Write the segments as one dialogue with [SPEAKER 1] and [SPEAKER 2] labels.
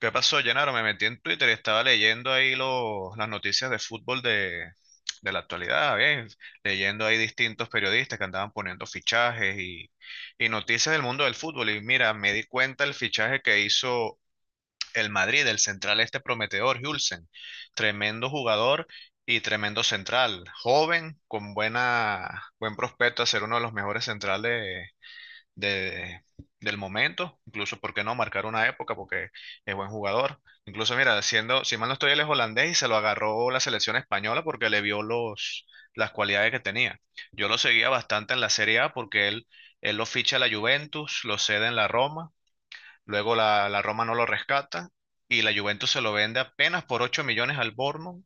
[SPEAKER 1] ¿Qué pasó, Llenaro? Me metí en Twitter y estaba leyendo ahí las noticias de fútbol de la actualidad, ¿eh? Leyendo ahí distintos periodistas que andaban poniendo fichajes y noticias del mundo del fútbol. Y mira, me di cuenta el fichaje que hizo el Madrid, el central este prometedor, Hulsen. Tremendo jugador y tremendo central. Joven, con buena, buen prospecto a ser uno de los mejores centrales de, del momento, incluso, ¿por qué no marcar una época? Porque es buen jugador. Incluso, mira, siendo, si mal no estoy, él es holandés y se lo agarró la selección española porque le vio las cualidades que tenía. Yo lo seguía bastante en la Serie A porque él lo ficha a la Juventus, lo cede en la Roma. Luego la Roma no lo rescata y la Juventus se lo vende apenas por 8 millones al Bournemouth.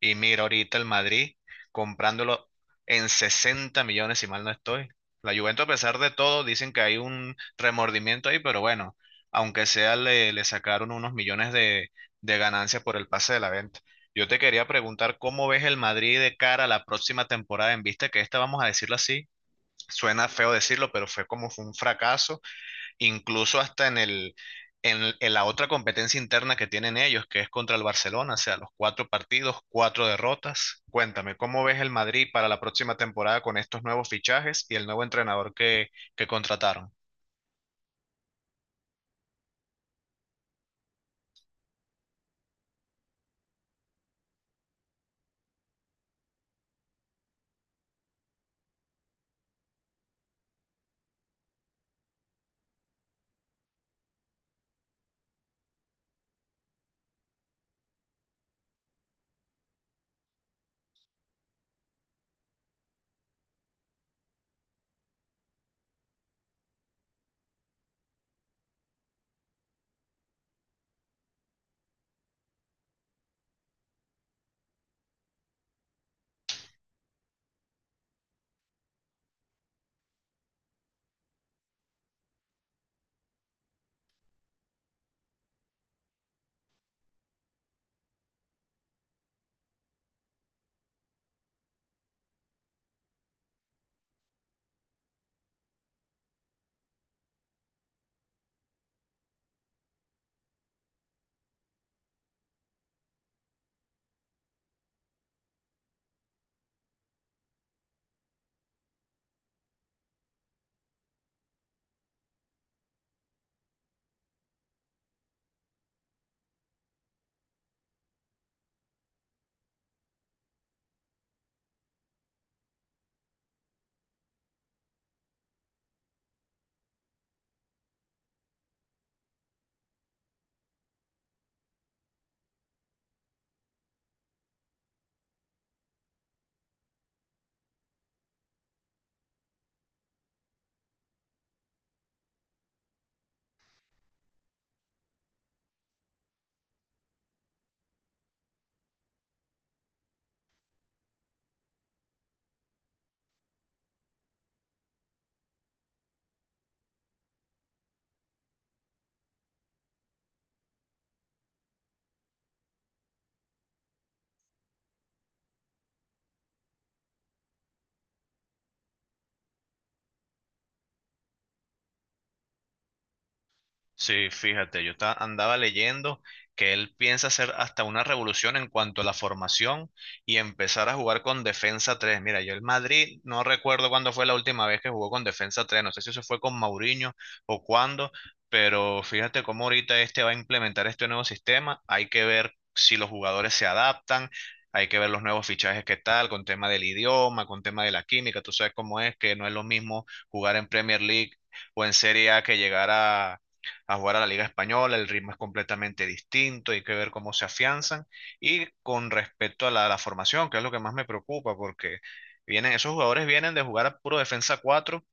[SPEAKER 1] Y mira ahorita el Madrid comprándolo en 60 millones, si mal no estoy. La Juventus, a pesar de todo, dicen que hay un remordimiento ahí, pero bueno, aunque sea, le sacaron unos millones de ganancias por el pase de la venta. Yo te quería preguntar cómo ves el Madrid de cara a la próxima temporada en vista que esta, vamos a decirlo así, suena feo decirlo, pero fue como fue un fracaso incluso hasta en en la otra competencia interna que tienen ellos, que es contra el Barcelona, o sea, los cuatro partidos, cuatro derrotas. Cuéntame, ¿cómo ves el Madrid para la próxima temporada con estos nuevos fichajes y el nuevo entrenador que contrataron? Sí, fíjate, andaba leyendo que él piensa hacer hasta una revolución en cuanto a la formación y empezar a jugar con defensa 3. Mira, yo el Madrid no recuerdo cuándo fue la última vez que jugó con defensa 3. No sé si eso fue con Mourinho o cuándo, pero fíjate cómo ahorita este va a implementar este nuevo sistema. Hay que ver si los jugadores se adaptan, hay que ver los nuevos fichajes que tal, con tema del idioma, con tema de la química, tú sabes cómo es, que no es lo mismo jugar en Premier League o en Serie A que llegar a jugar a la Liga Española, el ritmo es completamente distinto, hay que ver cómo se afianzan. Y con respecto a la formación, que es lo que más me preocupa, porque vienen, esos jugadores vienen de jugar a puro defensa 4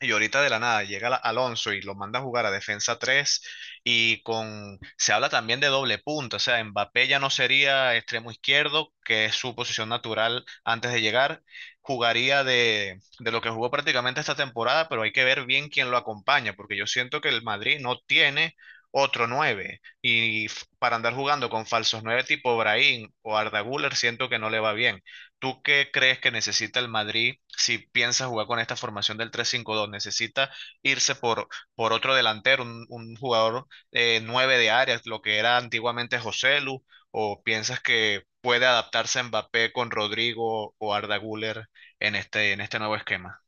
[SPEAKER 1] y ahorita de la nada Alonso y lo manda a jugar a defensa 3 y con se habla también de doble punta, o sea, Mbappé ya no sería extremo izquierdo, que es su posición natural antes de llegar, jugaría de lo que jugó prácticamente esta temporada, pero hay que ver bien quién lo acompaña, porque yo siento que el Madrid no tiene otro 9 para andar jugando con falsos 9 tipo Brahim o Arda Güler siento que no le va bien. ¿Tú qué crees que necesita el Madrid si piensa jugar con esta formación del 3-5-2? ¿Necesita irse por otro delantero, un jugador nueve de área, lo que era antiguamente Joselu? ¿O piensas que puede adaptarse Mbappé con Rodrigo o Arda Güler en este nuevo esquema?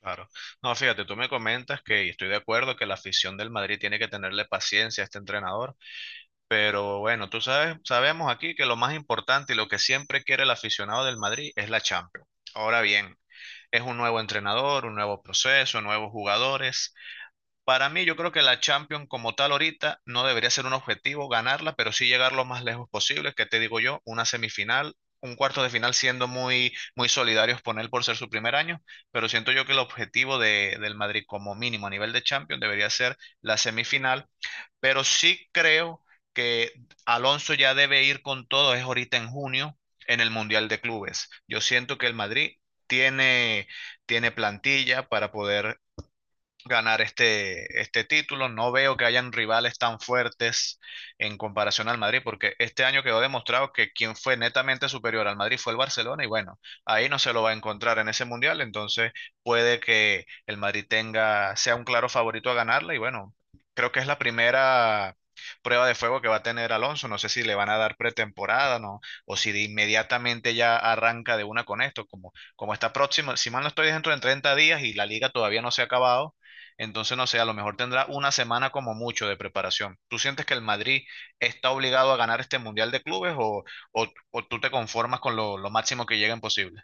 [SPEAKER 1] Claro. No, fíjate, tú me comentas que, y estoy de acuerdo, que la afición del Madrid tiene que tenerle paciencia a este entrenador. Pero bueno, tú sabes, sabemos aquí que lo más importante y lo que siempre quiere el aficionado del Madrid es la Champions. Ahora bien, es un nuevo entrenador, un nuevo proceso, nuevos jugadores. Para mí, yo creo que la Champions como tal ahorita no debería ser un objetivo ganarla, pero sí llegar lo más lejos posible, que te digo yo, una semifinal, un cuarto de final siendo muy, muy solidarios con él por ser su primer año, pero siento yo que el objetivo del Madrid como mínimo a nivel de Champions debería ser la semifinal, pero sí creo que Alonso ya debe ir con todo, es ahorita en junio, en el Mundial de Clubes. Yo siento que el Madrid tiene, tiene plantilla para poder ganar este título. No veo que hayan rivales tan fuertes en comparación al Madrid, porque este año quedó demostrado que quien fue netamente superior al Madrid fue el Barcelona y bueno, ahí no se lo va a encontrar en ese mundial, entonces puede que el Madrid tenga, sea un claro favorito a ganarla y bueno, creo que es la primera prueba de fuego que va a tener Alonso. No sé si le van a dar pretemporada, ¿no? O si de inmediatamente ya arranca de una con esto, como está próximo. Si mal no estoy dentro de 30 días y la liga todavía no se ha acabado, entonces, no sé, a lo mejor tendrá una semana como mucho de preparación. ¿Tú sientes que el Madrid está obligado a ganar este Mundial de Clubes o tú te conformas con lo máximo que lleguen posible?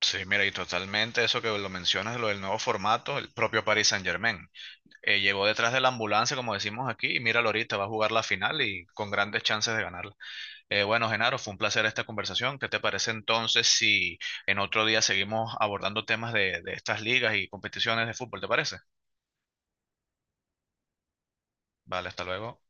[SPEAKER 1] Sí, mira, y totalmente eso que lo mencionas, lo del nuevo formato, el propio Paris Saint-Germain. Llegó detrás de la ambulancia, como decimos aquí, y míralo ahorita, va a jugar la final y con grandes chances de ganarla. Bueno, Genaro, fue un placer esta conversación. ¿Qué te parece entonces si en otro día seguimos abordando temas de estas ligas y competiciones de fútbol? ¿Te parece? Vale, hasta luego.